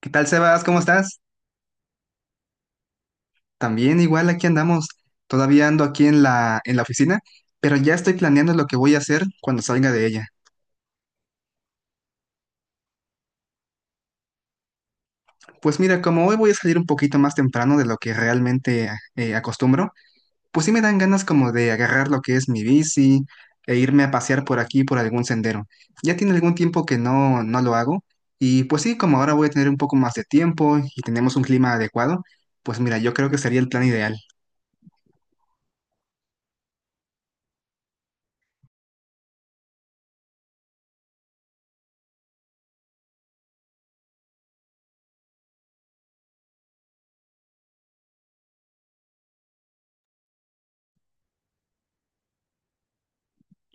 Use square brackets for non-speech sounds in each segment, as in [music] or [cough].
¿Qué tal, Sebas? ¿Cómo estás? También igual aquí andamos. Todavía ando aquí en la oficina, pero ya estoy planeando lo que voy a hacer cuando salga de ella. Pues mira, como hoy voy a salir un poquito más temprano de lo que realmente acostumbro, pues sí me dan ganas como de agarrar lo que es mi bici e irme a pasear por aquí, por algún sendero. Ya tiene algún tiempo que no lo hago y pues sí, como ahora voy a tener un poco más de tiempo y tenemos un clima adecuado, pues mira, yo creo que sería el plan ideal.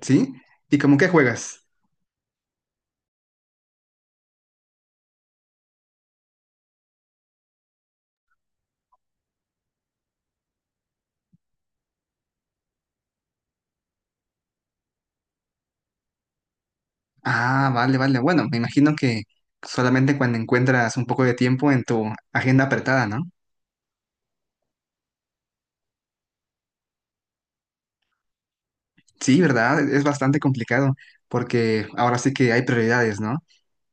¿Sí? ¿Y como qué juegas? Ah, vale, vale. Bueno, me imagino que solamente cuando encuentras un poco de tiempo en tu agenda apretada, ¿no? Sí, ¿verdad? Es bastante complicado porque ahora sí que hay prioridades, ¿no?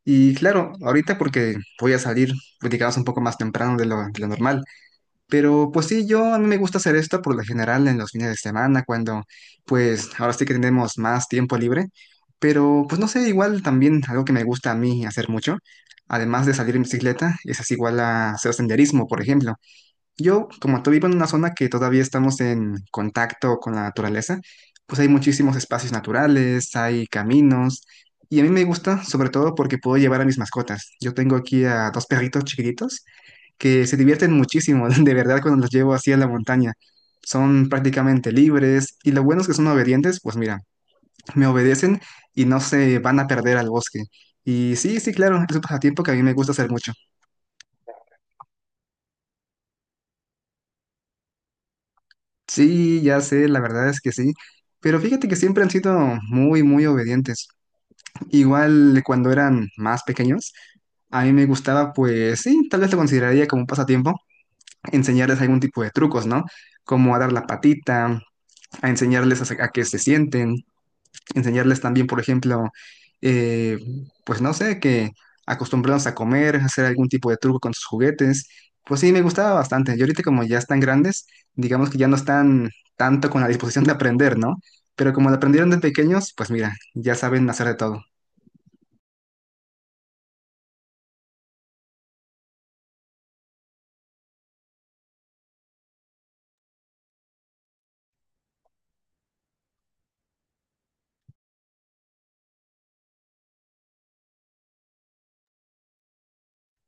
Y claro, ahorita porque voy a salir, pues, digamos, un poco más temprano de lo normal. Pero pues sí, yo a mí me gusta hacer esto por lo general en los fines de semana, cuando pues ahora sí que tenemos más tiempo libre. Pero pues no sé, igual también algo que me gusta a mí hacer mucho, además de salir en bicicleta, es así igual a hacer senderismo, por ejemplo. Yo, como tú, vivo en una zona que todavía estamos en contacto con la naturaleza, pues hay muchísimos espacios naturales, hay caminos. Y a mí me gusta, sobre todo porque puedo llevar a mis mascotas. Yo tengo aquí a dos perritos chiquititos que se divierten muchísimo, [laughs] de verdad, cuando los llevo así a la montaña. Son prácticamente libres y lo bueno es que son obedientes, pues mira, me obedecen y no se van a perder al bosque. Y sí, sí, claro, es un pasatiempo que a mí me gusta hacer mucho. Sí, ya sé, la verdad es que sí, pero fíjate que siempre han sido muy, muy obedientes. Igual cuando eran más pequeños, a mí me gustaba, pues sí, tal vez lo consideraría como un pasatiempo, enseñarles algún tipo de trucos, ¿no? Como a dar la patita, a enseñarles a que se sienten, enseñarles también, por ejemplo, eh, pues no sé, que acostumbrarlos a comer, hacer algún tipo de truco con sus juguetes. Pues sí, me gustaba bastante. Y ahorita como ya están grandes, digamos que ya no están tanto con la disposición de aprender, ¿no? Pero como lo aprendieron de pequeños, pues mira, ya saben hacer de todo.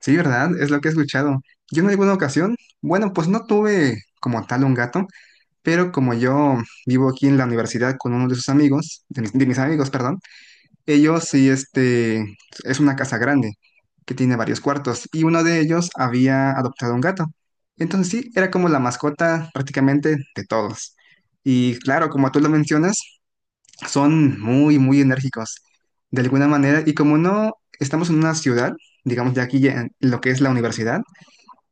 Sí, ¿verdad? Es lo que he escuchado. Yo en alguna ocasión, bueno, pues no tuve como tal un gato, pero como yo vivo aquí en la universidad con uno de sus amigos, de mis amigos, perdón, ellos sí, este, es una casa grande que tiene varios cuartos y uno de ellos había adoptado un gato. Entonces sí, era como la mascota prácticamente de todos. Y claro, como tú lo mencionas, son muy, muy enérgicos de alguna manera. Y como no estamos en una ciudad, digamos ya aquí ya en lo que es la universidad,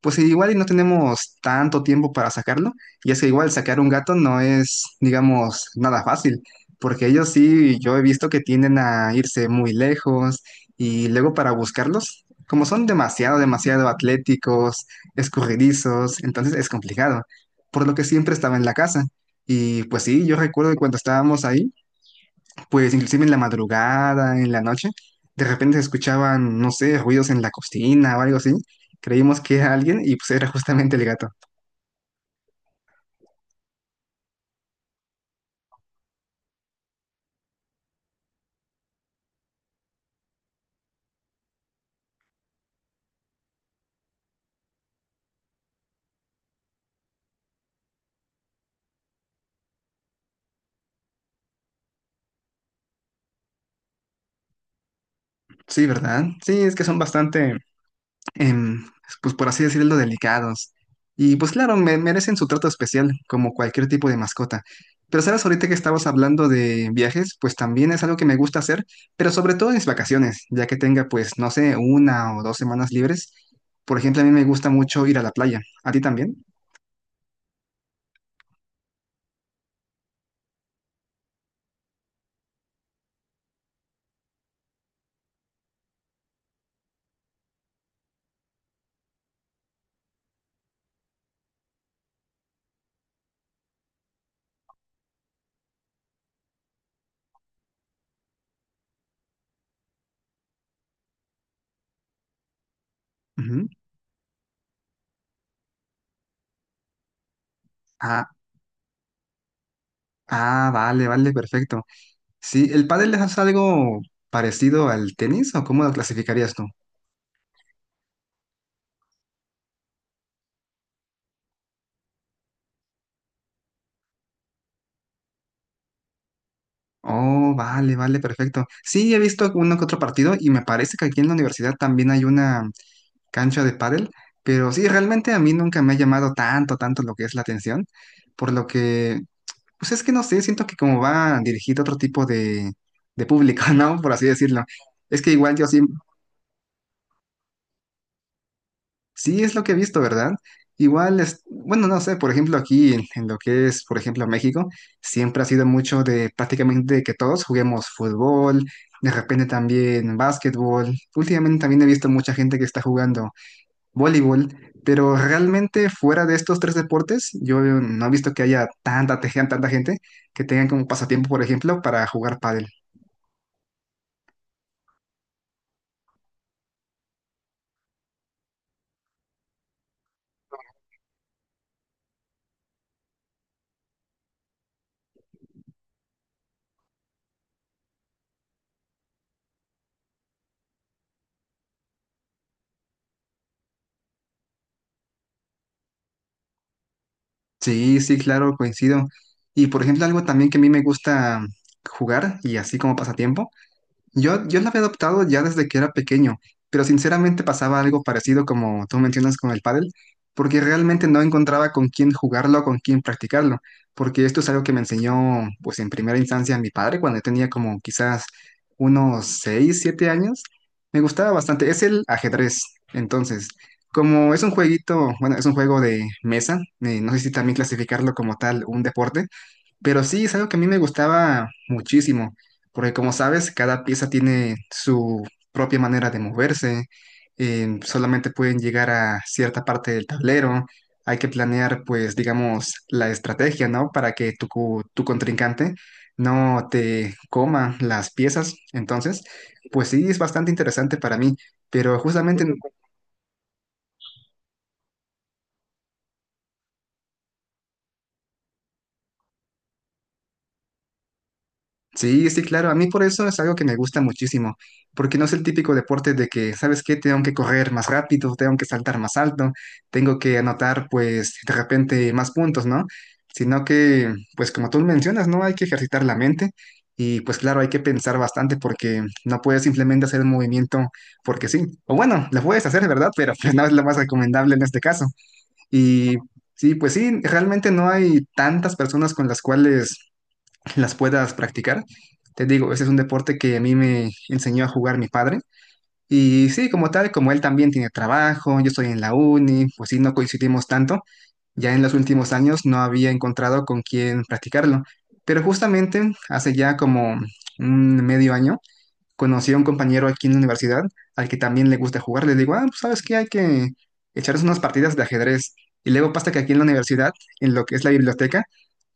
pues igual y no tenemos tanto tiempo para sacarlo, y es que igual sacar un gato no es, digamos, nada fácil, porque ellos sí, yo he visto que tienden a irse muy lejos y luego para buscarlos, como son demasiado, demasiado atléticos, escurridizos, entonces es complicado, por lo que siempre estaba en la casa. Y pues sí, yo recuerdo que cuando estábamos ahí, pues inclusive en la madrugada, en la noche, de repente se escuchaban, no sé, ruidos en la cocina o algo así. Creímos que era alguien y pues era justamente el gato. Sí, ¿verdad? Sí, es que son bastante, em, pues por así decirlo, delicados. Y pues claro, merecen su trato especial, como cualquier tipo de mascota. Pero sabes, ahorita que estabas hablando de viajes, pues también es algo que me gusta hacer, pero sobre todo en mis vacaciones, ya que tenga pues, no sé, una o dos semanas libres. Por ejemplo, a mí me gusta mucho ir a la playa. ¿A ti también? Ah, ah, vale, vale, perfecto. Sí, ¿el pádel es algo parecido al tenis o cómo lo clasificarías tú? Oh, vale, vale, perfecto. Sí, he visto uno que otro partido y me parece que aquí en la universidad también hay una cancha de pádel, pero sí, realmente a mí nunca me ha llamado tanto, tanto lo que es la atención, por lo que, pues es que no sé, siento que como va dirigido a otro tipo de público, [laughs] ¿no? Por así decirlo. Es que igual yo sí, sí, es lo que he visto, ¿verdad? Igual es, bueno, no sé, por ejemplo, aquí en lo que es, por ejemplo, México, siempre ha sido mucho de prácticamente que todos juguemos fútbol, de repente también básquetbol. Últimamente también he visto mucha gente que está jugando voleibol, pero realmente fuera de estos tres deportes, yo no he visto que haya tanta, tanta gente que tengan como pasatiempo, por ejemplo, para jugar pádel. Sí, sí, claro, coincido. Y por ejemplo, algo también que a mí me gusta jugar y así como pasatiempo, yo la había adoptado ya desde que era pequeño, pero sinceramente pasaba algo parecido como tú mencionas con el pádel, porque realmente no encontraba con quién jugarlo, con quién practicarlo, porque esto es algo que me enseñó, pues en primera instancia mi padre cuando yo tenía como quizás unos 6 7 años. Me gustaba bastante, es el ajedrez. Entonces, como es un jueguito, bueno, es un juego de mesa, no sé si también clasificarlo como tal un deporte, pero sí, es algo que a mí me gustaba muchísimo, porque como sabes, cada pieza tiene su propia manera de moverse, solamente pueden llegar a cierta parte del tablero, hay que planear, pues, digamos, la estrategia, ¿no? Para que tu, tu contrincante no te coma las piezas. Entonces, pues sí, es bastante interesante para mí, pero justamente sí, sí, claro. A mí por eso es algo que me gusta muchísimo, porque no es el típico deporte de que, ¿sabes qué? Tengo que correr más rápido, tengo que saltar más alto, tengo que anotar, pues, de repente más puntos, ¿no? Sino que, pues, como tú mencionas, ¿no? Hay que ejercitar la mente y, pues, claro, hay que pensar bastante porque no puedes simplemente hacer un movimiento porque sí. O bueno, lo puedes hacer, ¿verdad? [laughs] Pero pues no es lo más recomendable en este caso. Y sí, pues sí, realmente no hay tantas personas con las cuales las puedas practicar. Te digo, ese es un deporte que a mí me enseñó a jugar mi padre. Y sí, como tal, como él también tiene trabajo, yo estoy en la uni, pues sí, no coincidimos tanto. Ya en los últimos años no había encontrado con quién practicarlo. Pero justamente hace ya como un medio año, conocí a un compañero aquí en la universidad al que también le gusta jugar. Le digo, ah, pues sabes qué, hay que echarnos unas partidas de ajedrez. Y luego pasa que aquí en la universidad, en lo que es la biblioteca,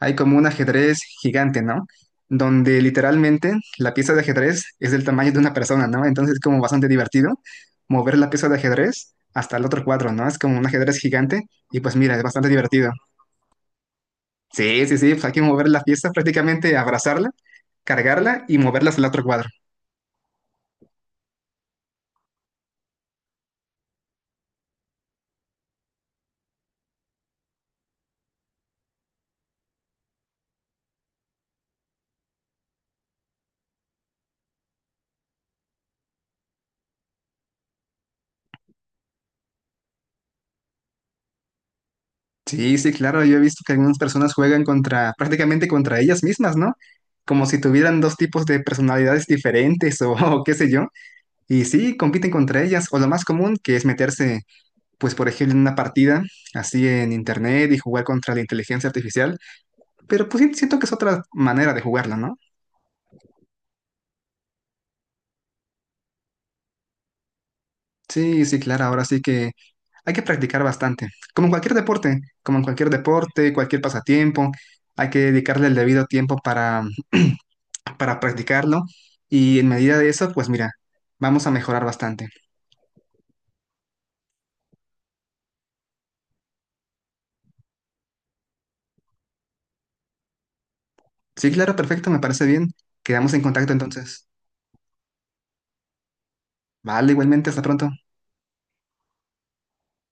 hay como un ajedrez gigante, ¿no? Donde literalmente la pieza de ajedrez es del tamaño de una persona, ¿no? Entonces es como bastante divertido mover la pieza de ajedrez hasta el otro cuadro, ¿no? Es como un ajedrez gigante y pues mira, es bastante divertido. Sí, sí, sí, pues hay que mover la pieza prácticamente, abrazarla, cargarla y moverla hasta el otro cuadro. Sí, sí, claro, yo he visto que algunas personas juegan contra, prácticamente contra ellas mismas, ¿no? Como si tuvieran dos tipos de personalidades diferentes o, [laughs] o qué sé yo. Y sí, compiten contra ellas. O lo más común, que es meterse, pues, por ejemplo, en una partida así en internet y jugar contra la inteligencia artificial. Pero pues sí, siento que es otra manera de jugarla, ¿no? Sí, sí, claro, ahora sí que hay que practicar bastante. Como en cualquier deporte, como en cualquier deporte, cualquier pasatiempo, hay que dedicarle el debido tiempo para practicarlo y en medida de eso, pues mira, vamos a mejorar bastante. Sí, claro, perfecto, me parece bien. Quedamos en contacto entonces. Vale, igualmente, hasta pronto.